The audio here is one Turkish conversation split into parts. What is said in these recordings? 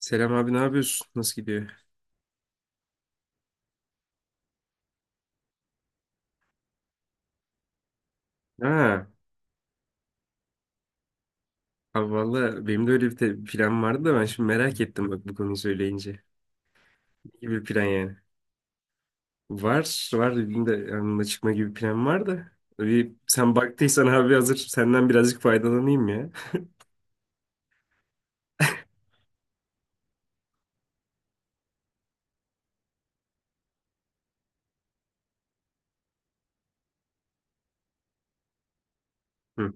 Selam abi, ne yapıyorsun? Nasıl gidiyor? Ha, abi valla benim de öyle bir plan vardı da ben şimdi merak ettim, bak, bu konuyu söyleyince. Ne gibi bir plan yani? Var, benim de yanına çıkma gibi bir plan var da. Bir, sen baktıysan abi hazır senden birazcık faydalanayım ya. Hı.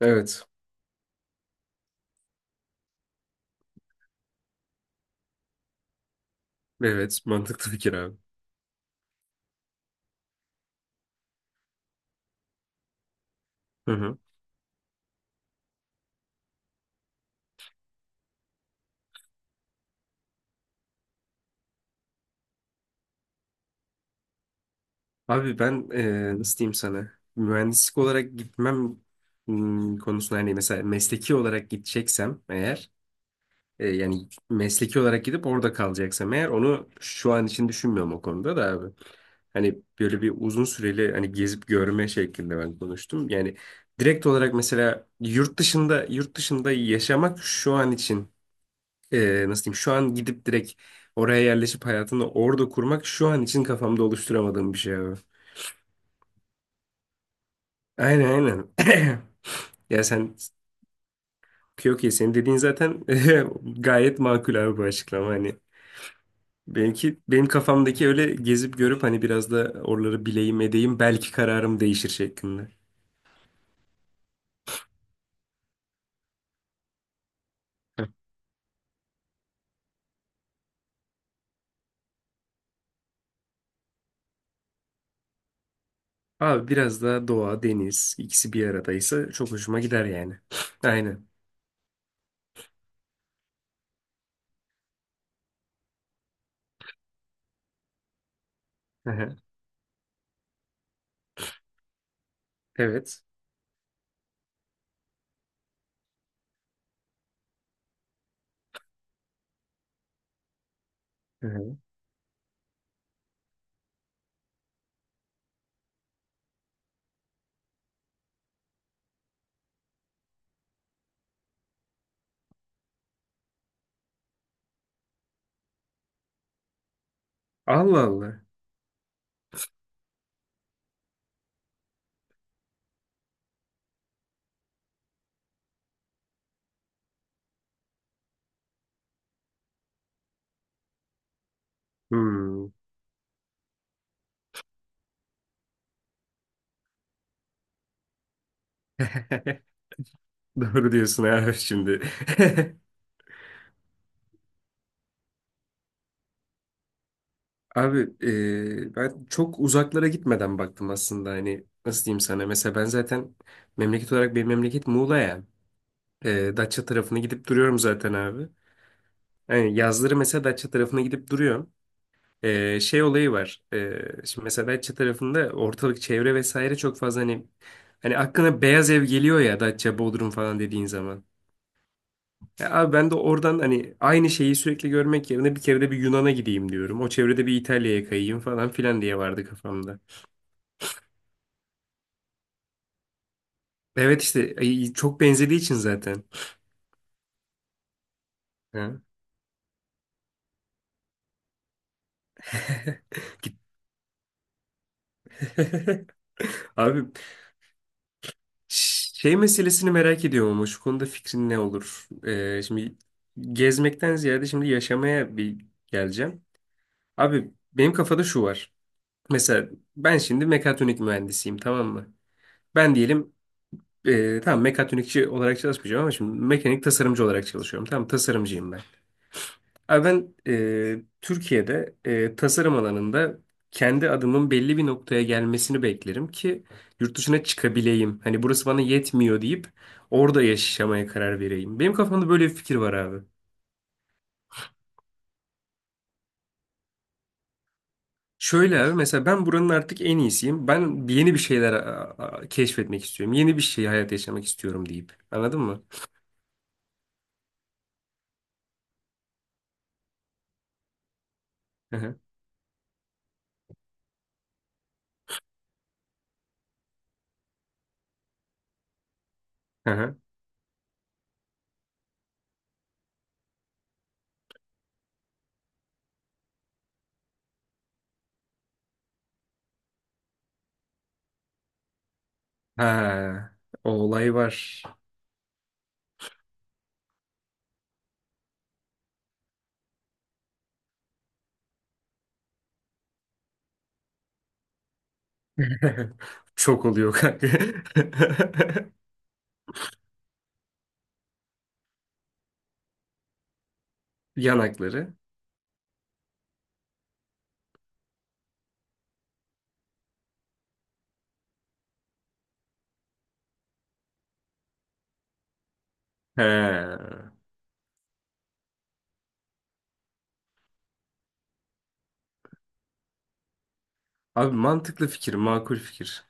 Evet. Evet, mantıklı fikir abi. Hı hı. Abi ben nasıl diyeyim sana? Mühendislik olarak gitmem konusunda, hani mesela mesleki olarak gideceksem eğer. Yani mesleki olarak gidip orada kalacaksam eğer, onu şu an için düşünmüyorum o konuda da abi. Hani böyle bir uzun süreli hani gezip görme şeklinde ben konuştum. Yani direkt olarak mesela yurt dışında yaşamak şu an için, nasıl diyeyim, şu an gidip direkt oraya yerleşip hayatını orada kurmak şu an için kafamda oluşturamadığım bir şey abi. Aynen aynen. Ya sen, okey okey, senin dediğin zaten gayet makul abi bu açıklama hani. Benimki, benim kafamdaki öyle gezip görüp hani biraz da oraları bileyim edeyim belki kararım değişir şeklinde. Abi biraz daha doğa, deniz ikisi bir aradaysa çok hoşuma gider yani. Aynen. Aha, evet. Aha. Allah Allah. Hmm. Doğru diyorsun abi şimdi. Abi ben çok uzaklara gitmeden baktım aslında, hani nasıl diyeyim sana. Mesela ben zaten memleket olarak benim memleket Muğla ya. Datça tarafına gidip duruyorum zaten abi. Yani yazları mesela Datça tarafına gidip duruyorum. Şey olayı var. Şimdi mesela Datça tarafında ortalık çevre vesaire çok fazla hani aklına beyaz ev geliyor ya Datça, Bodrum falan dediğin zaman. Ya abi ben de oradan hani aynı şeyi sürekli görmek yerine bir kere de bir Yunan'a gideyim diyorum. O çevrede bir İtalya'ya kayayım falan filan diye vardı kafamda. Evet işte ay, çok benzediği için zaten. Ha. Gitti. Abi şey meselesini merak ediyorum ama şu konuda fikrin ne olur? Şimdi gezmekten ziyade şimdi yaşamaya bir geleceğim. Abi benim kafada şu var. Mesela ben şimdi mekatronik mühendisiyim, tamam mı? Ben diyelim tamam mekatronikçi olarak çalışmayacağım ama şimdi mekanik tasarımcı olarak çalışıyorum. Tamam, tasarımcıyım ben. Abi ben Türkiye'de tasarım alanında kendi adımın belli bir noktaya gelmesini beklerim ki yurt dışına çıkabileyim. Hani burası bana yetmiyor deyip orada yaşamaya karar vereyim. Benim kafamda böyle bir fikir var abi. Şöyle abi, mesela ben buranın artık en iyisiyim. Ben yeni bir şeyler keşfetmek istiyorum. Yeni bir şey, hayat yaşamak istiyorum deyip. Anladın mı? Hı hı. Hı hı. Ha, o olay var. Çok oluyor kanka. Yanakları. He. Abi mantıklı fikir, makul fikir.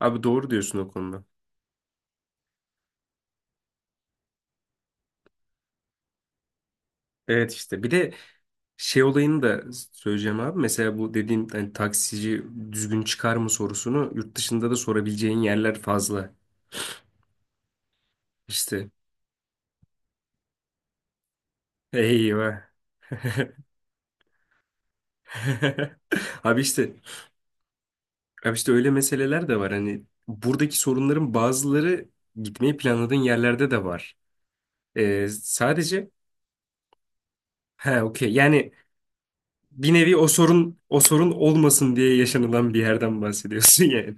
Abi doğru diyorsun o konuda. Evet işte bir de şey olayını da söyleyeceğim abi. Mesela bu dediğim hani taksici düzgün çıkar mı sorusunu yurt dışında da sorabileceğin yerler fazla. İşte eyvah. Abi işte abi işte öyle meseleler de var. Hani buradaki sorunların bazıları gitmeyi planladığın yerlerde de var. Sadece he okey, yani bir nevi o sorun o sorun olmasın diye yaşanılan bir yerden bahsediyorsun yani.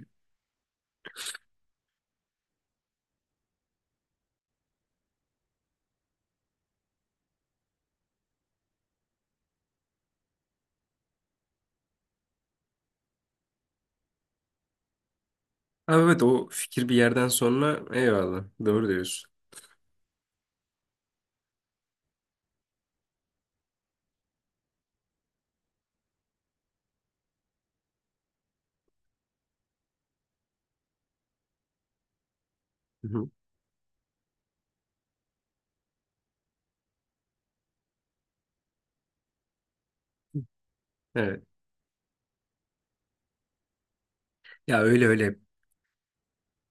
Ama evet, o fikir bir yerden sonra eyvallah, doğru diyorsun. Hı hı. Evet. Ya öyle öyle.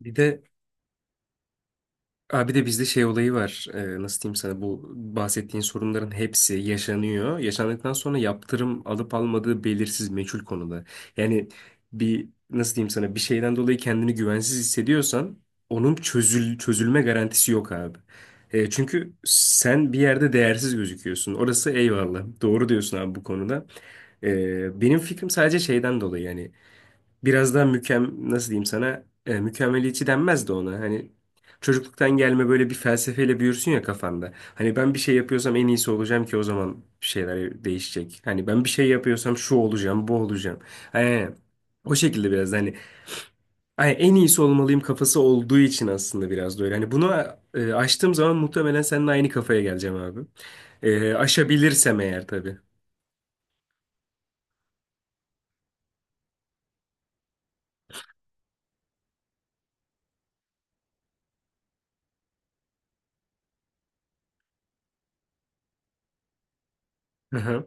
Bir de Abi de bizde şey olayı var. Nasıl diyeyim sana, bu bahsettiğin sorunların hepsi yaşanıyor. Yaşandıktan sonra yaptırım alıp almadığı belirsiz, meçhul konuda. Yani bir nasıl diyeyim sana, bir şeyden dolayı kendini güvensiz hissediyorsan onun çözülme garantisi yok abi. Çünkü sen bir yerde değersiz gözüküyorsun. Orası eyvallah. Doğru diyorsun abi bu konuda. Benim fikrim sadece şeyden dolayı yani biraz daha nasıl diyeyim sana, mükemmeliyetçi denmez de ona, hani çocukluktan gelme böyle bir felsefeyle büyürsün ya kafanda, hani ben bir şey yapıyorsam en iyisi olacağım ki o zaman bir şeyler değişecek, hani ben bir şey yapıyorsam şu olacağım bu olacağım. Aynen. O şekilde biraz hani, ay, en iyisi olmalıyım kafası olduğu için aslında biraz da öyle hani, bunu aştığım zaman muhtemelen seninle aynı kafaya geleceğim abi. Aşabilirsem eğer tabii. Aha.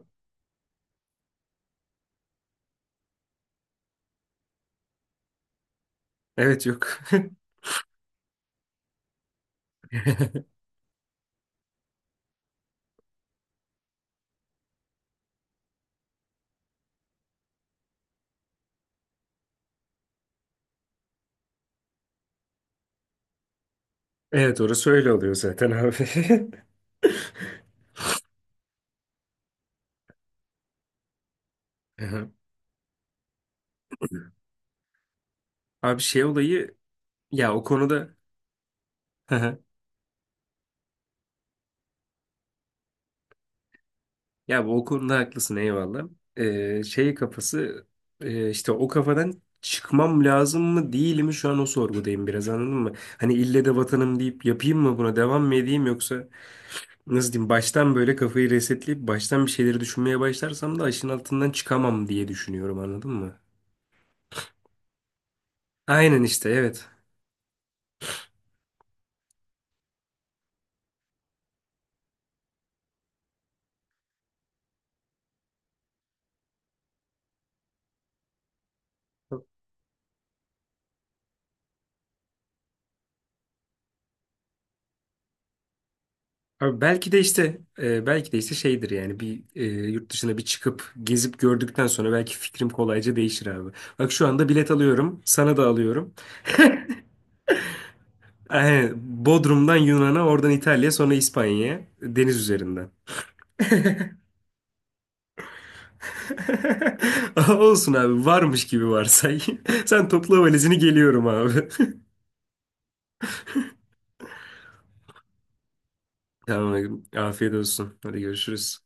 Evet yok. Evet, orası öyle oluyor zaten abi. Hı hı. Abi şey olayı, ya o konuda, hı hı, ya bu o konuda haklısın, eyvallah. Şey kafası, işte o kafadan çıkmam lazım mı değil mi, şu an o sorgudayım biraz, anladın mı? Hani ille de vatanım deyip yapayım mı, buna devam mı edeyim, yoksa nasıl diyeyim, baştan böyle kafayı resetleyip baştan bir şeyleri düşünmeye başlarsam da aşın altından çıkamam diye düşünüyorum, anladın mı? Aynen işte, evet. Abi belki de işte belki de işte şeydir yani bir, yurt dışına bir çıkıp gezip gördükten sonra belki fikrim kolayca değişir abi. Bak şu anda bilet alıyorum, sana da alıyorum. Aynen, Bodrum'dan Yunan'a, oradan İtalya'ya, sonra İspanya'ya deniz üzerinden. Olsun abi, varmış gibi varsay. Sen topla valizini, geliyorum abi. Tamam, afiyet olsun. Hadi görüşürüz.